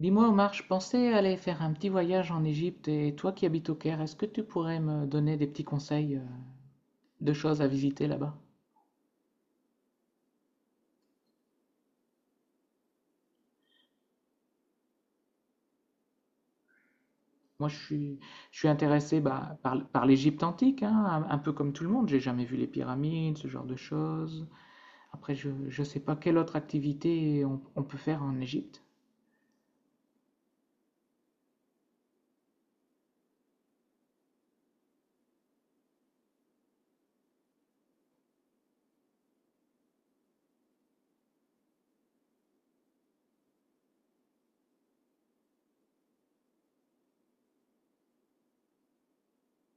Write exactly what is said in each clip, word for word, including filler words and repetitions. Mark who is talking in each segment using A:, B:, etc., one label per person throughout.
A: Dis-moi Omar, je pensais aller faire un petit voyage en Égypte et toi qui habites au Caire, est-ce que tu pourrais me donner des petits conseils euh, de choses à visiter là-bas? Moi, je suis, je suis intéressé, bah, par, par l'Égypte antique, hein, un, un peu comme tout le monde. J'ai jamais vu les pyramides, ce genre de choses. Après, je ne sais pas quelle autre activité on, on peut faire en Égypte.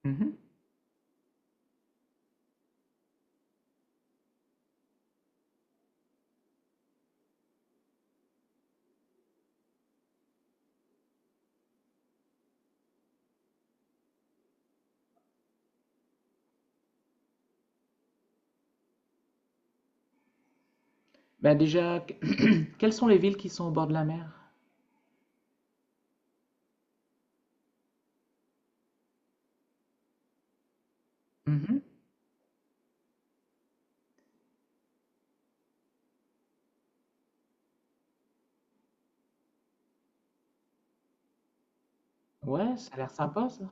A: Mhm. Bah déjà, quelles sont les villes qui sont au bord de la mer? Mhm. Ouais, ça a l'air sympa ça.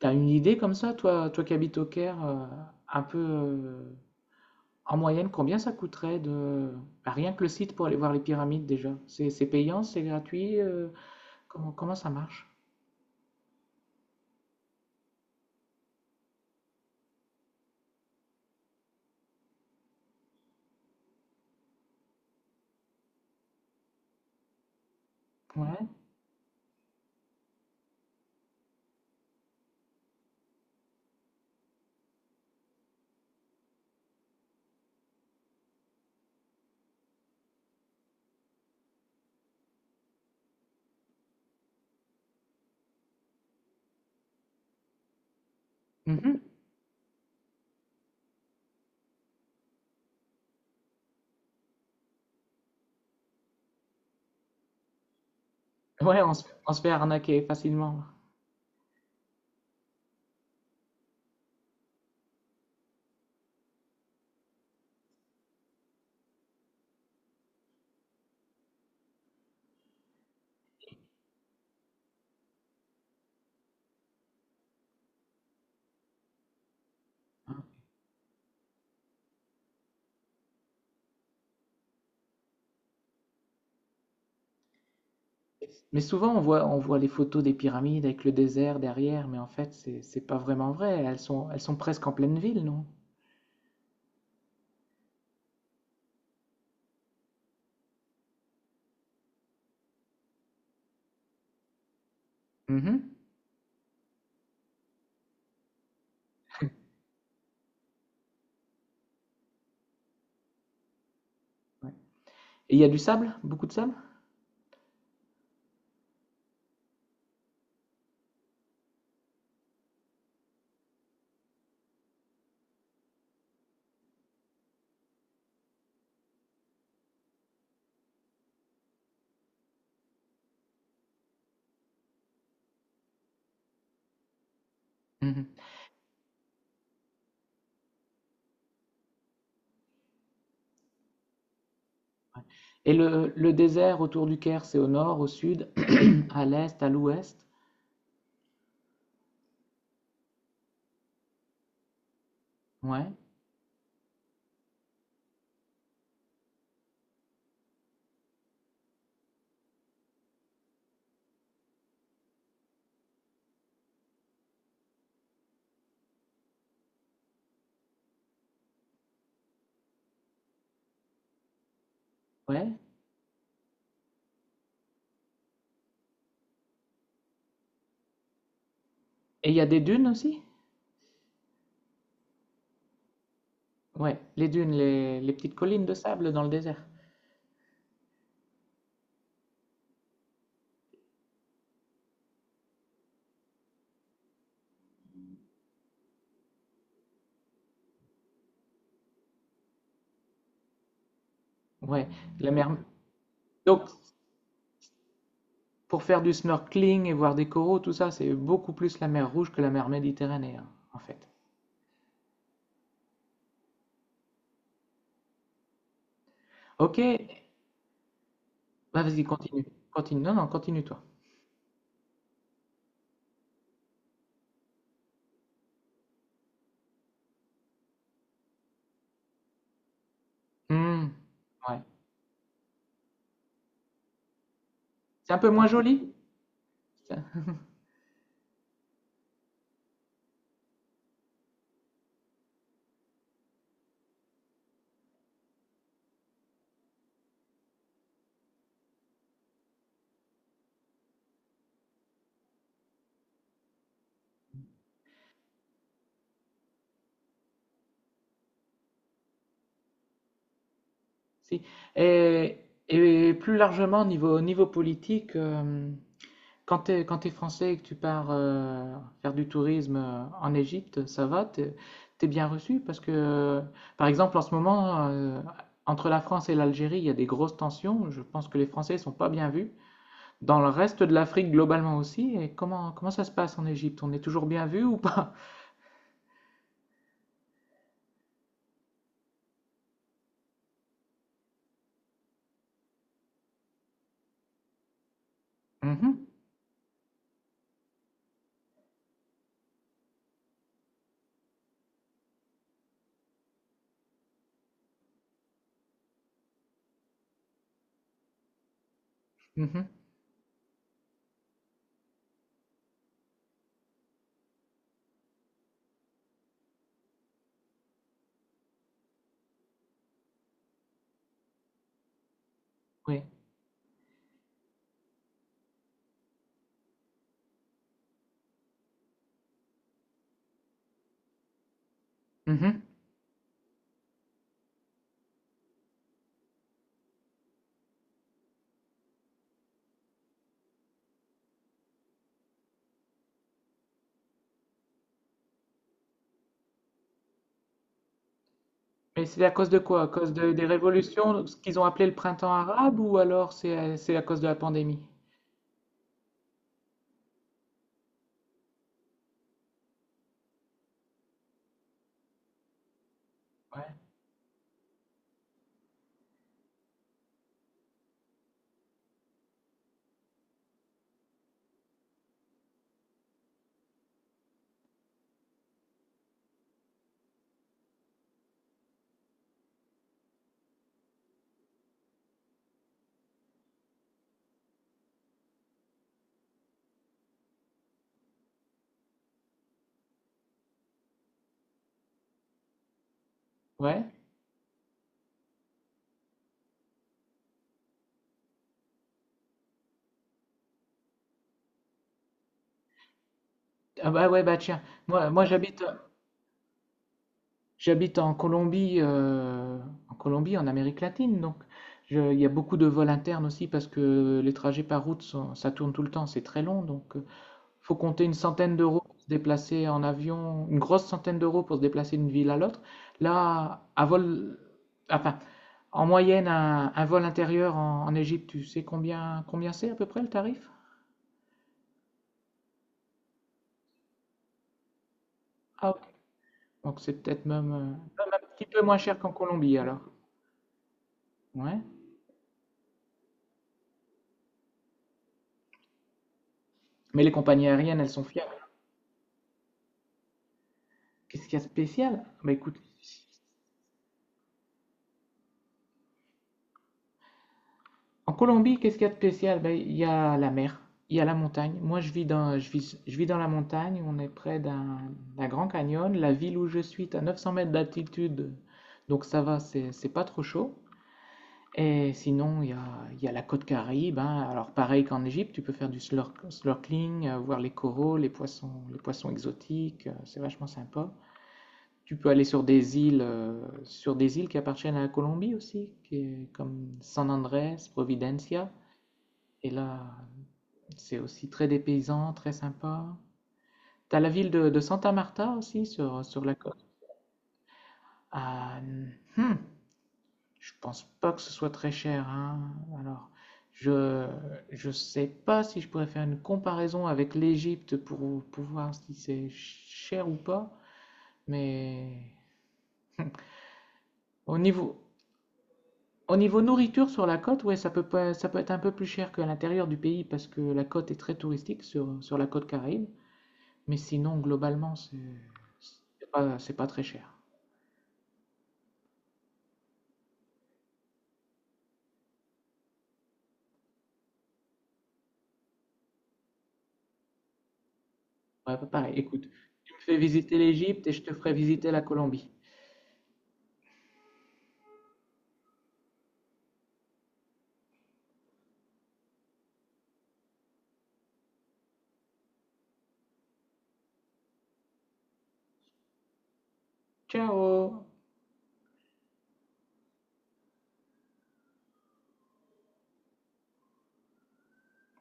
A: T'as une idée comme ça, toi, toi qui habites au Caire, euh, un peu euh, en moyenne, combien ça coûterait de bah, rien que le site pour aller voir les pyramides déjà? C'est c'est payant, c'est gratuit, euh, comment, comment ça marche? Ouais. Mhm. Ouais, on se, on se fait arnaquer facilement. Mais souvent on voit on voit les photos des pyramides avec le désert derrière, mais en fait c'est c'est pas vraiment vrai. Elles sont elles sont presque en pleine ville, non? Mhm. Ouais. Et il y a du sable, beaucoup de sable? Mmh. Ouais, et le le désert autour du Caire, c'est au nord, au sud, à l'est, à l'ouest? Ouais, ouais, et il y a des dunes aussi? Ouais, les dunes, les les petites collines de sable dans le désert? Ouais, la mer, donc pour faire du snorkeling et voir des coraux, tout ça, c'est beaucoup plus la mer Rouge que la mer Méditerranée, hein, en fait. OK, bah, vas-y, continue. Continue, non, non, continue toi. Mmh. Ouais. C'est un peu moins joli? Ça- Si. Et, et plus largement, au niveau, au niveau politique, euh, quand tu es, quand t'es français et que tu pars euh, faire du tourisme euh, en Égypte, ça va, t'es, t'es bien reçu parce que, euh, par exemple, en ce moment, euh, entre la France et l'Algérie, il y a des grosses tensions. Je pense que les Français ne sont pas bien vus. Dans le reste de l'Afrique, globalement aussi. Et comment, comment ça se passe en Égypte? On est toujours bien vu ou pas? Mhm. Mhm. Oui. Mhm. Mais c'est à cause de quoi? À cause de- des révolutions, ce qu'ils ont appelé le printemps arabe, ou alors c'est à, c'est à cause de la pandémie? Ouais. Ouais. Ah bah ouais, bah tiens, moi, moi j'habite j'habite en Colombie, euh, en Colombie, en Amérique latine, donc je- il y a beaucoup de vols internes aussi parce que les trajets par route sont- ça tourne tout le temps, c'est très long, donc euh, faut compter une centaine d'euros pour se déplacer en avion, une grosse centaine d'euros pour se déplacer d'une ville à l'autre. Là, à vol, enfin, en moyenne, un, un vol intérieur en, en Égypte, tu sais combien combien c'est à peu près le tarif? Ah, ok. Donc c'est peut-être même, euh, même un petit peu moins cher qu'en Colombie alors. Ouais. Mais les compagnies aériennes, elles sont fiables. Qu'est-ce qu'il y a de spécial? Bah écoute, en Colombie, qu'est-ce qu'il y a de spécial? Ben, il y a la mer, il y a la montagne. Moi, je vis dans, je vis, je vis dans la montagne, on est près d'un d'un grand canyon. La ville où je suis est à neuf cents mètres d'altitude, donc ça va, c'est c'est pas trop chaud. Et sinon, il y a, il y a la côte Caraïbe, hein. Alors, pareil qu'en Égypte, tu peux faire du snork- snorkeling, euh, voir les coraux, les poissons, les poissons exotiques, euh, c'est vachement sympa. Tu peux aller sur des îles, euh, sur des îles qui appartiennent à la Colombie aussi, qui est comme San Andrés, Providencia. Et là, c'est aussi très dépaysant, très sympa. T'as la ville de, de Santa Marta aussi sur, sur la côte. Ah, hmm, je pense pas que ce soit très cher, hein. Alors, je je sais pas si je pourrais faire une comparaison avec l'Égypte pour, pour voir si c'est cher ou pas, mais au niveau au niveau nourriture sur la côte, ouais, ça peut pas, ça peut être un peu plus cher qu'à l'intérieur du pays parce que la côte est très touristique sur, sur la côte Caraïbe. Mais sinon, globalement, c'est c'est pas, c'est pas très cher. Ouais, pareil, écoute, tu me fais visiter l'Égypte et je te ferai visiter la Colombie. Ciao!